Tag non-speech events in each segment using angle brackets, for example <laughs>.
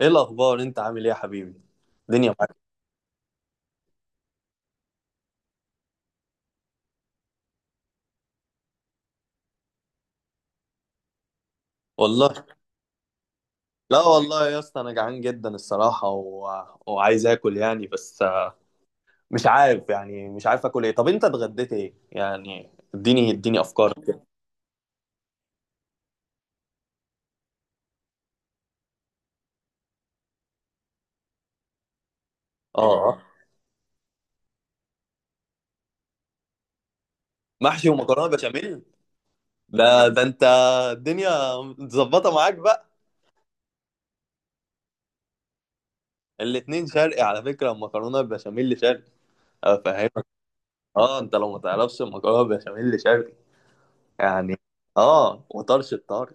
ايه الاخبار؟ انت عامل ايه يا حبيبي؟ الدنيا معاك؟ والله. لا والله يا اسطى، انا جعان جدا الصراحه. وعايز اكل يعني بس. مش عارف يعني مش عارف اكل ايه. طب انت اتغديت ايه يعني؟ اديني افكار كده. اه، محشي ومكرونه بشاميل. ده انت الدنيا متظبطه معاك بقى؟ الاتنين شرقي على فكره، المكرونه البشاميل شرقي. افهمك. اه، انت لو ما تعرفش المكرونه بشاميل شرقي يعني. اه وطرش الطار.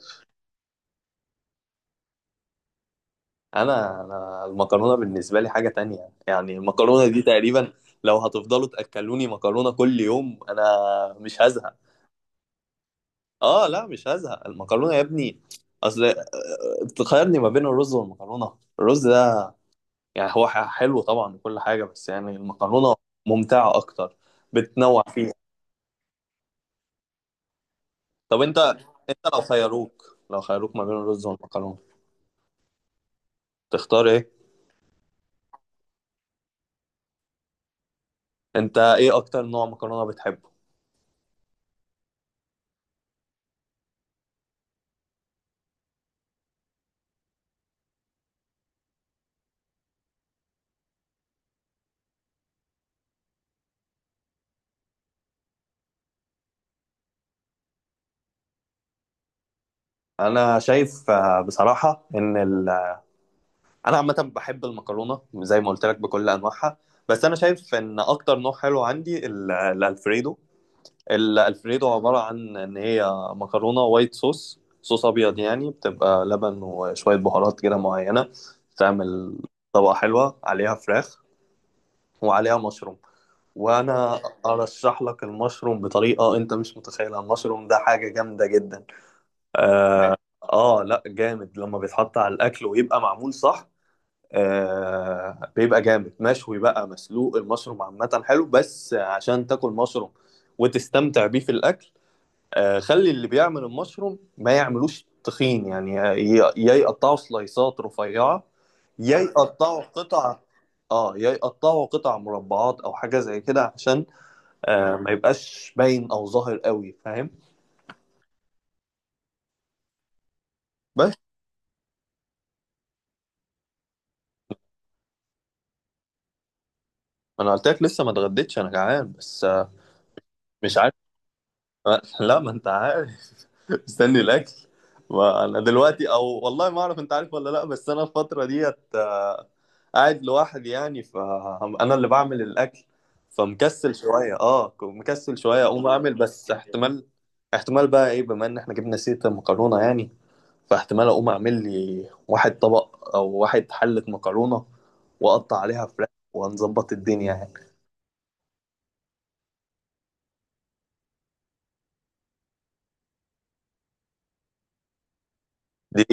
انا المكرونه بالنسبه لي حاجه تانية، يعني المكرونه دي تقريبا لو هتفضلوا تاكلوني مكرونه كل يوم انا مش هزهق. اه لا، مش هزهق المكرونه يا ابني. اصل، تخيرني ما بين الرز والمكرونه. الرز ده يعني هو حلو طبعا وكل حاجه، بس يعني المكرونه ممتعه اكتر، بتنوع فيها. طب انت لو خيروك ما بين الرز والمكرونه تختار ايه؟ انت ايه اكتر نوع مكرونه بتحبه؟ انا شايف آه، بصراحه ان ال انا عامه بحب المكرونه زي ما قلت لك بكل انواعها، بس انا شايف ان اكتر نوع حلو عندي الالفريدو. الالفريدو عباره عن ان هي مكرونه وايت صوص، صوص ابيض يعني، بتبقى لبن وشويه بهارات كده معينه، تعمل طبقه حلوه عليها فراخ وعليها مشروم. وانا ارشح لك المشروم بطريقه انت مش متخيلها، المشروم ده حاجه جامده جدا. اه لا، جامد لما بيتحط على الاكل ويبقى معمول صح. آه بيبقى جامد، مشوي بقى، مسلوق، المشروم عامة حلو بس عشان تاكل مشروم وتستمتع بيه في الأكل. آه خلي اللي بيعمل المشروم ما يعملوش تخين يعني، يا يقطعوا سلايسات رفيعة، يا يقطعوا قطع، اه يا يقطعوا قطع مربعات او حاجة زي كده، عشان ما يبقاش باين او ظاهر قوي، فاهم؟ بس انا قلت لك لسه ما اتغديتش، انا جعان بس. مش عارف. <laughs> لا، ما انت عارف. <laughs> مستني الاكل. ما انا دلوقتي او والله ما اعرف انت عارف ولا لا، بس انا الفتره ديت، قاعد لوحدي يعني، فانا اللي بعمل الاكل. فمكسل شويه اه ك- مكسل شويه اقوم اعمل بس احتمال. احتمال بقى ايه؟ بما ان احنا جبنا سيره المكرونه يعني، فاحتمال اقوم اعمل لي واحد طبق او واحد حله مكرونه واقطع عليها فراخ ونظبط الدنيا يعني. دي،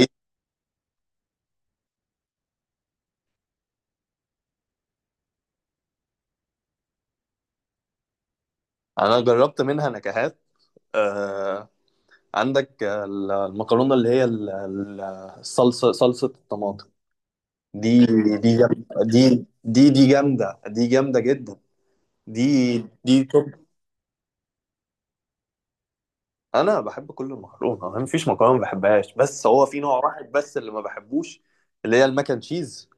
انا جربت منها نكهات. آه، عندك المكرونه اللي هي ال- ال- الصلصه صلصه الطماطم. دي دي جامده. دي دي جامده. دي جامده جدا. دي دي توب. انا بحب كل المكرونه، ما فيش مكرونه ما بحبهاش، بس هو في نوع واحد بس اللي ما بحبوش، اللي هي المكن تشيز،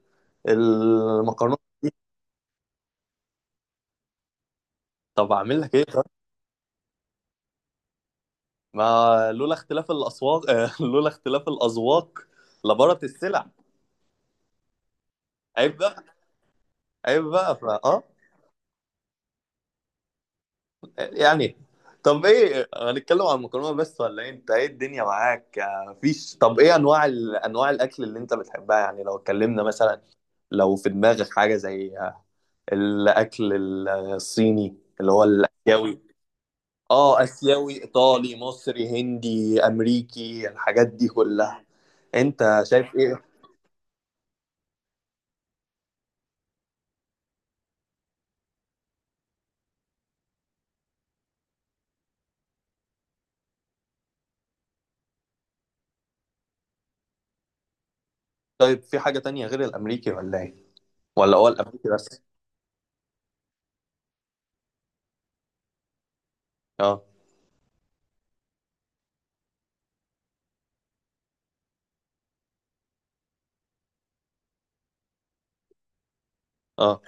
المكرونه دي. طب اعمل لك ايه طب؟ ما لولا اختلاف الاصوات <laughs> ، لولا اختلاف الاذواق لبارت السلع. عيب بقى، عيب بقى، فاه، يعني. طب ايه؟ هنتكلم عن المكرونه بس ولا ايه؟ انت ايه الدنيا معاك؟ فيش. طب ايه انواع انواع الاكل اللي انت بتحبها يعني، لو اتكلمنا مثلا، لو في دماغك حاجه زي، الاكل الصيني اللي هو الاسيوي. اه، اسيوي، ايطالي، مصري، هندي، امريكي، الحاجات دي كلها. انت شايف ايه؟ طيب، في حاجه تانية غير الامريكي ولا ايه؟ ولا هو الامريكي بس؟ اه، اه.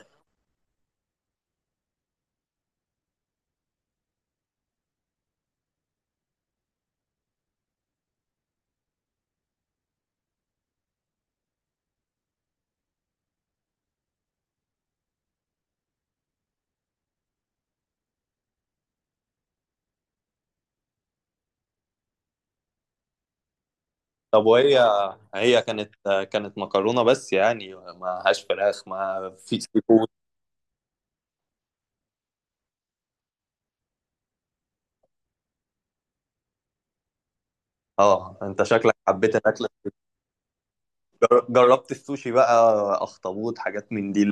طب وهي هي كانت كانت مكرونة بس يعني، ما هاش فراخ، ما في سي فود؟ اه، انت شكلك حبيت الاكل. جربت السوشي بقى؟ اخطبوط، حاجات من دي؟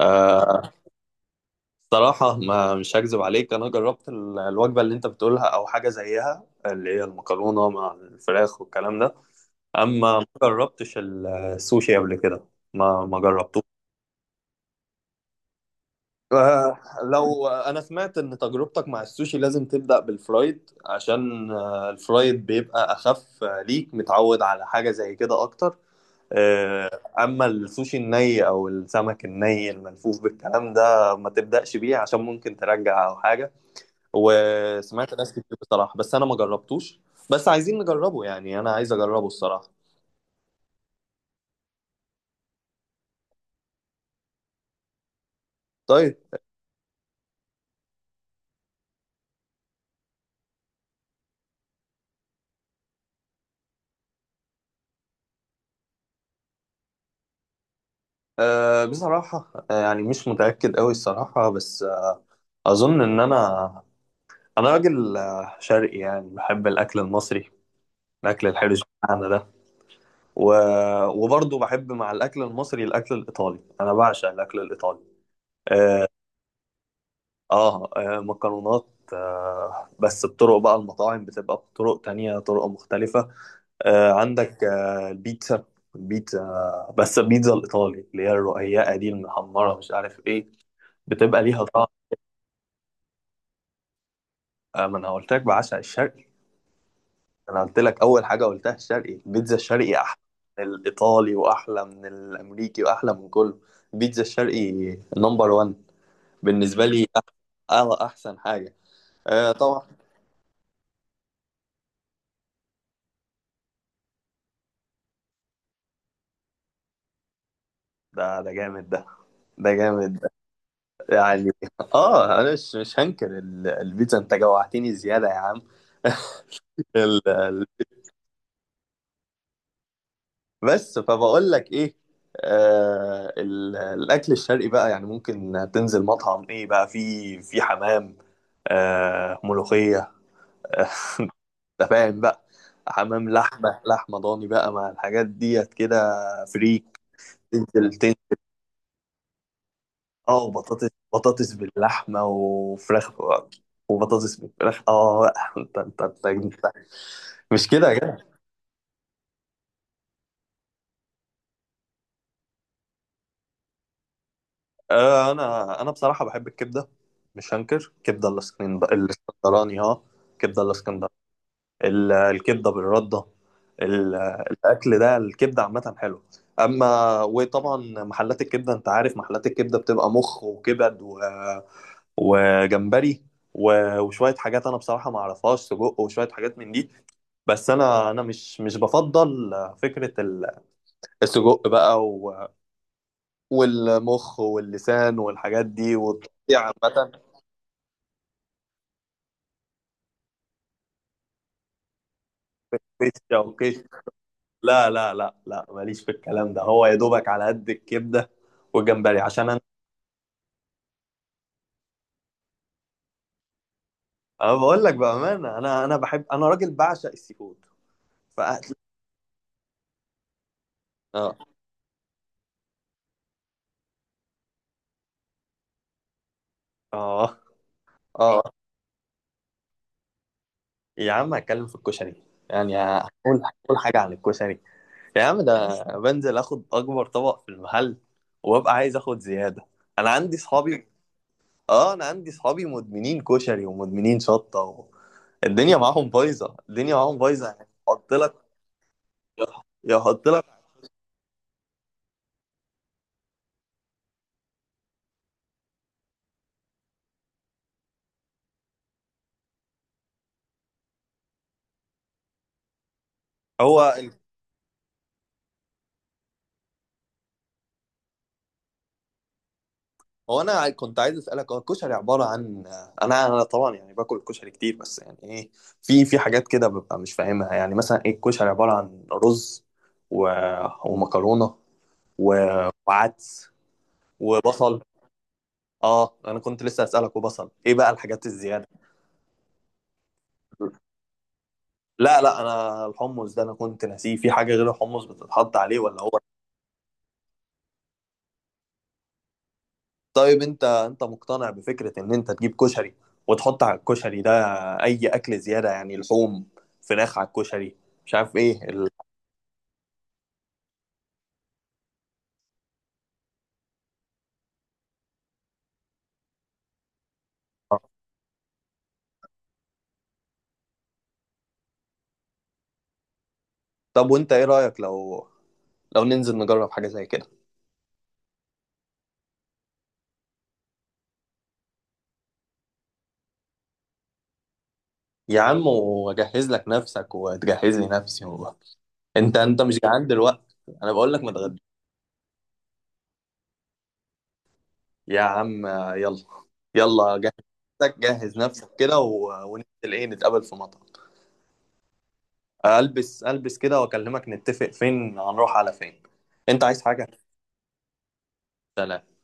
آه صراحة، ما مش هكذب عليك، انا جربت الوجبة اللي انت بتقولها، او حاجة زيها اللي هي المكرونة مع الفراخ والكلام ده. اما ما جربتش السوشي قبل كده. ما جربت. لو انا سمعت ان تجربتك مع السوشي لازم تبدأ بالفرايد، عشان، الفرايد بيبقى اخف، ليك متعود على حاجة زي كده اكتر. آه، اما السوشي الني او السمك الني الملفوف بالكلام ده ما تبدأش بيه، عشان ممكن ترجع او حاجة. وسمعت ناس كتير بصراحة، بس انا ما جربتوش. بس عايزين نجربه يعني، انا عايز اجربه الصراحة. طيب، بصراحة، يعني مش متأكد قوي الصراحة بس، أظن إن انا راجل، شرقي يعني، بحب الاكل المصري، الاكل الحرش بتاعنا ده و... وبرضه بحب مع الاكل المصري الاكل الايطالي، انا بعشق الاكل الايطالي. اه, مكرونات. بس بطرق بقى، المطاعم بتبقى بطرق تانية، طرق مختلفة. عندك البيتزا. البيتزا، بس البيتزا الإيطالي اللي هي الرقيقة دي المحمرة مش عارف إيه، بتبقى ليها طعم. ما أنا قلت لك بعشق الشرقي. انا قلت لك اول حاجه قلتها الشرقي، البيتزا الشرقي احلى من الايطالي واحلى من الامريكي واحلى من كله، البيتزا الشرقي نمبر 1 بالنسبه لي. احسن حاجه. طبعا. ده جامد ده. ده جامد ده، يعني. <laughs> اه، انا مش هنكر البيتزا، انت جوعتني زياده يا عم. ال- ال- بس فبقول لك ايه. الاكل الشرقي بقى، يعني ممكن تنزل مطعم ايه بقى، في حمام، ملوخيه، انت فاهم بقى؟ حمام، لحمه ضاني بقى، مع الحاجات ديت كده، فريك. تنزل. اه، وبطاطس باللحمه وفراخ، وبطاطس بالفراخ، اه بقى. انت مش كده يا جدع؟ انا بصراحه بحب الكبده، مش هنكر كبده الاسكندراني، الاسكندراني اه. كبده الاسكندراني، الكبده بالرده، ال- الاكل ده، الكبده عامه حلو، اما وطبعا محلات الكبده انت عارف، محلات الكبده بتبقى مخ وكبد، وجمبري، وشويه حاجات انا بصراحه ما اعرفهاش، سجق وشويه حاجات من دي، بس انا مش بفضل فكره السجق بقى، والمخ واللسان والحاجات دي والتقطيع عامه، فشه وكش. لا، لا، لا، لا، ماليش في الكلام ده، هو يا دوبك على قد الكبده والجمبري، عشان انا بقول لك بامانه، انا راجل بعشق السي فود، فأكل. اه، اه، اه. يا عم، هتكلم في الكشري يعني. هقول حاجه عن الكشري. يا عم، ده بنزل اخد اكبر طبق في المحل وابقى عايز اخد زياده. انا عندي صحابي اه انا عندي صحابي مدمنين كشري ومدمنين شطه. الدنيا معاهم بايظه، الدنيا معاهم بايظه، يعني يحط لك. هو هو انا كنت عايز اسالك، هو الكشري عباره عن، انا طبعا يعني باكل الكشري كتير، بس يعني ايه، في حاجات كده ببقى مش فاهمها، يعني مثلا ايه الكشري، عباره عن رز و... ومكرونه و... وعدس وبصل. اه، انا كنت لسه اسالك، وبصل ايه بقى الحاجات الزياده؟ لا، لا، انا الحمص ده انا كنت ناسيه، في حاجه غير الحمص بتتحط عليه ولا هو؟ طيب، انت مقتنع بفكرة ان انت تجيب كشري وتحط على الكشري ده اي اكل زيادة، يعني لحوم، فراخ على الكشري، مش عارف ايه. <laughs> طب وانت ايه رأيك، لو ننزل نجرب حاجة زي كده؟ يا عم، واجهز لك نفسك وتجهز لي نفسي. <laughs> انت مش جعان دلوقتي؟ انا بقول لك ما تغدى. يا عم، يلا، يلا جهز نفسك، جهز نفسك كده، وننزل ايه، نتقابل في مطعم؟ البس البس كده واكلمك، نتفق فين، هنروح على فين؟ انت عايز حاجة؟ سلام.